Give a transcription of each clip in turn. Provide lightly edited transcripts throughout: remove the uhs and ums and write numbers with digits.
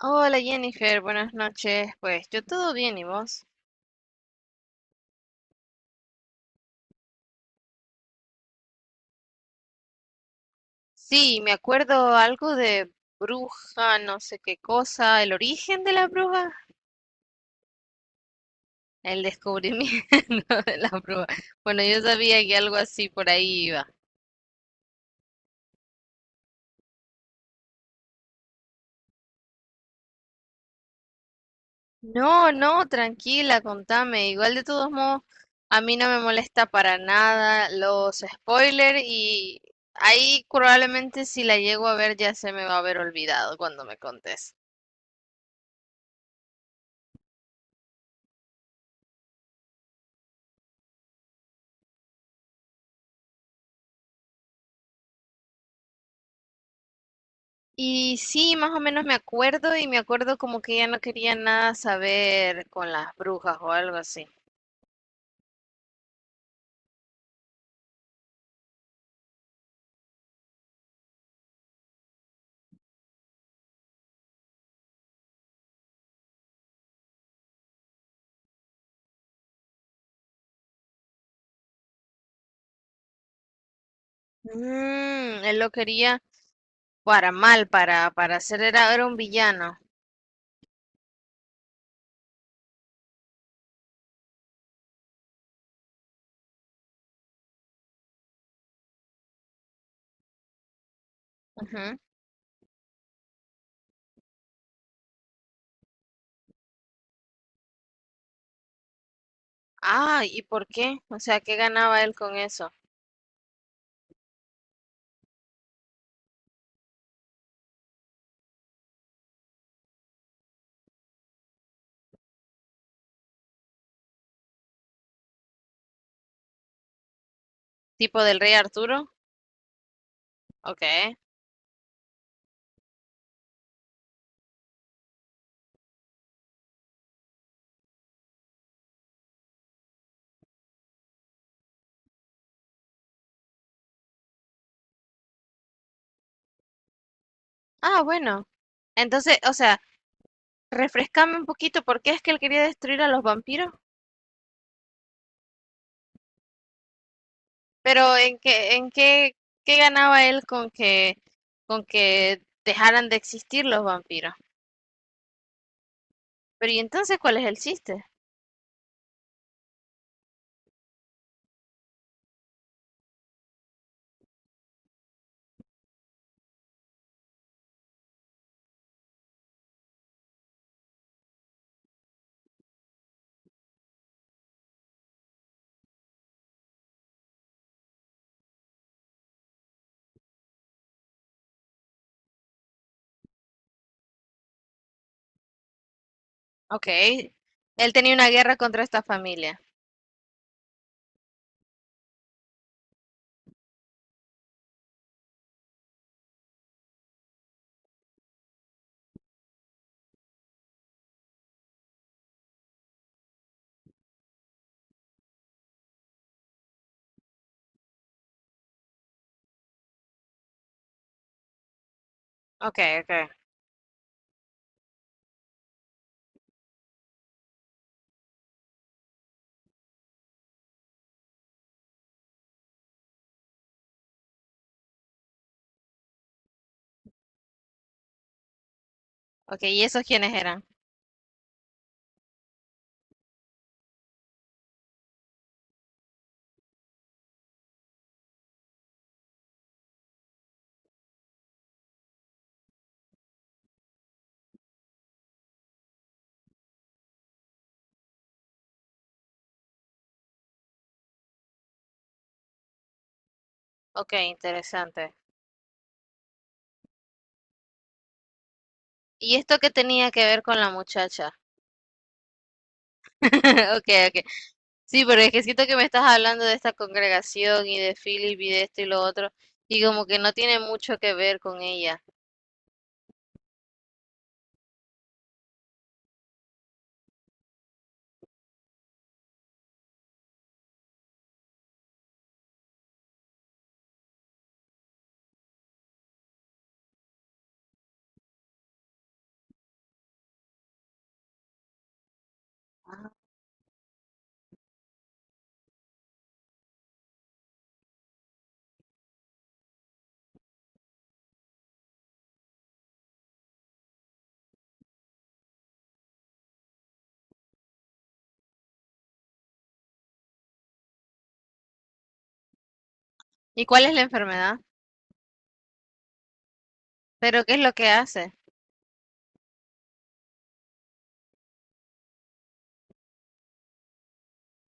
Hola Jennifer, buenas noches. Pues yo todo bien, ¿y vos? Sí, me acuerdo algo de bruja, no sé qué cosa, el origen de la bruja, el descubrimiento de la bruja. Bueno, yo sabía que algo así por ahí iba. No, no, tranquila, contame. Igual de todos modos, a mí no me molesta para nada los spoilers y ahí probablemente si la llego a ver ya se me va a haber olvidado cuando me contes. Y sí, más o menos me acuerdo y me acuerdo como que ella no quería nada saber con las brujas o algo así. Mm, él lo quería para mal, para hacer, era un villano. Ujú. Ah, ¿y por qué? O sea, ¿qué ganaba él con eso? ¿Tipo del rey Arturo? Ok. Ah, bueno. Entonces, o sea, refrescame un poquito, ¿por qué es que él quería destruir a los vampiros? Pero ¿en qué, qué ganaba él con que dejaran de existir los vampiros? Pero ¿y entonces cuál es el chiste? Ok, él tenía una guerra contra esta familia. Ok, ok. Ok, ¿y esos quiénes eran? Ok, interesante. ¿Y esto qué tenía que ver con la muchacha? Ok, ok. Sí, pero es que siento que me estás hablando de esta congregación y de Philip y de esto y lo otro, y como que no tiene mucho que ver con ella. Ah. ¿Y cuál es la enfermedad? ¿Pero qué es lo que hace?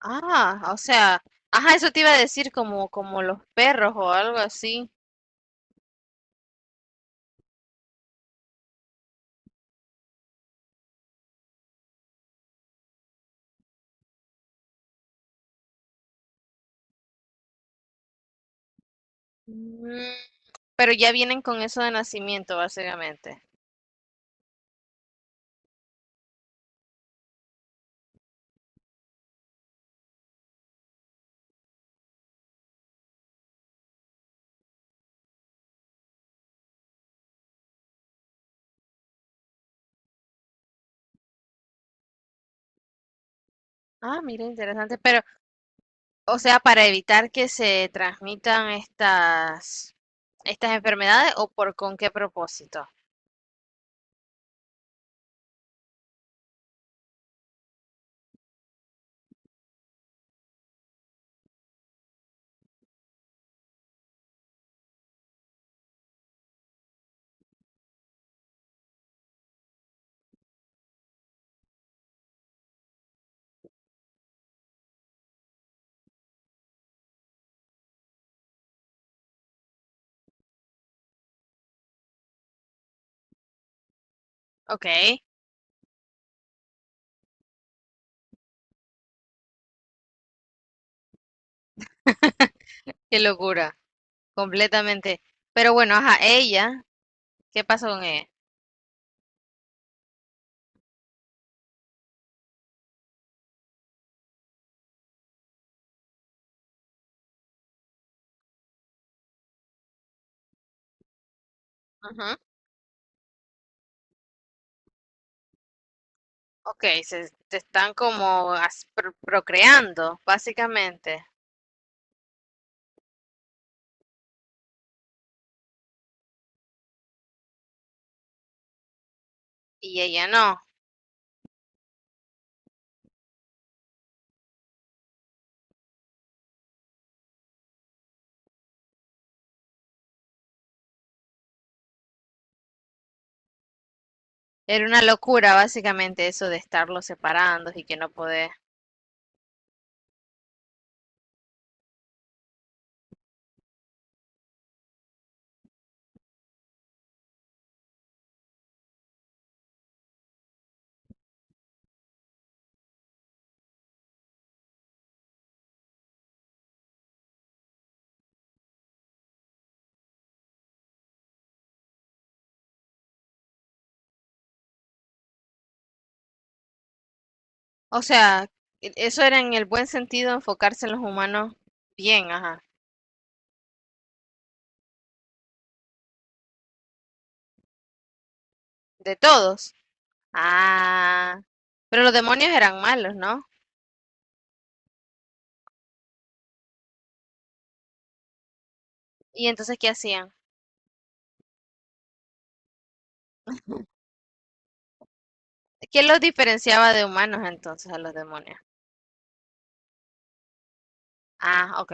Ah, o sea, ajá, eso te iba a decir como, como los perros o algo así. Pero ya vienen con eso de nacimiento, básicamente. Ah, mira, interesante. Pero, o sea, para evitar que se transmitan estas enfermedades o por con qué propósito. Ok, qué locura, completamente. Pero bueno, ajá, ella, ¿qué pasó con ella? Ujú, Ok, se están como as- pro- procreando, básicamente, y ella no. Era una locura, básicamente, eso de estarlos separando y que no poder. O sea, e- eso era en el buen sentido enfocarse en los humanos bien, ajá, de todos. Ah, pero los demonios eran malos, ¿no? ¿Y entonces qué hacían? ¿Quién los diferenciaba de humanos entonces a los demonios? Ah, ok.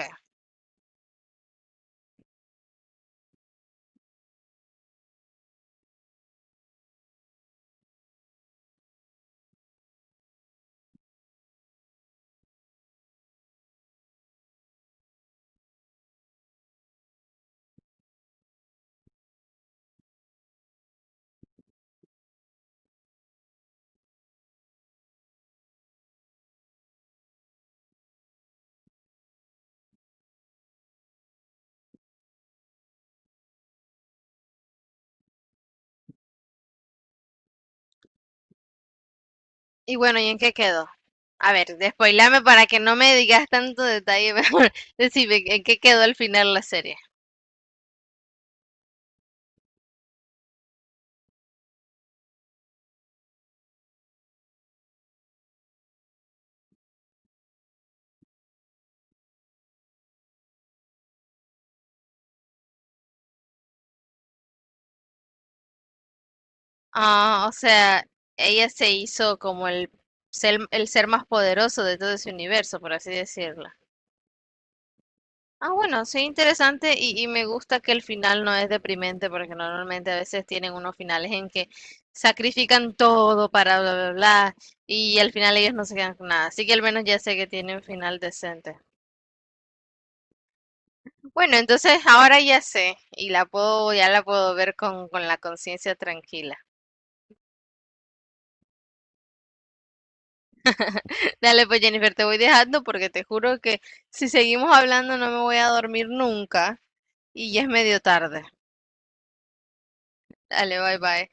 Y bueno, ¿y en qué quedó? A ver, despoilame para que no me digas tanto detalle, mejor decime en qué quedó al final la serie. Ah, o sea, ella se hizo como el el ser más poderoso de todo ese universo, por así decirlo. Ah, bueno, sí, interesante y me gusta que el final no es deprimente porque normalmente a veces tienen unos finales en que sacrifican todo para bla, bla, bla y al final ellos no se quedan con nada. Así que al menos ya sé que tiene un final decente. Bueno, entonces ahora ya sé y la puedo, ya la puedo ver con la conciencia tranquila. Dale, pues Jennifer, te voy dejando porque te juro que si seguimos hablando no me voy a dormir nunca y ya es medio tarde. Dale, bye bye.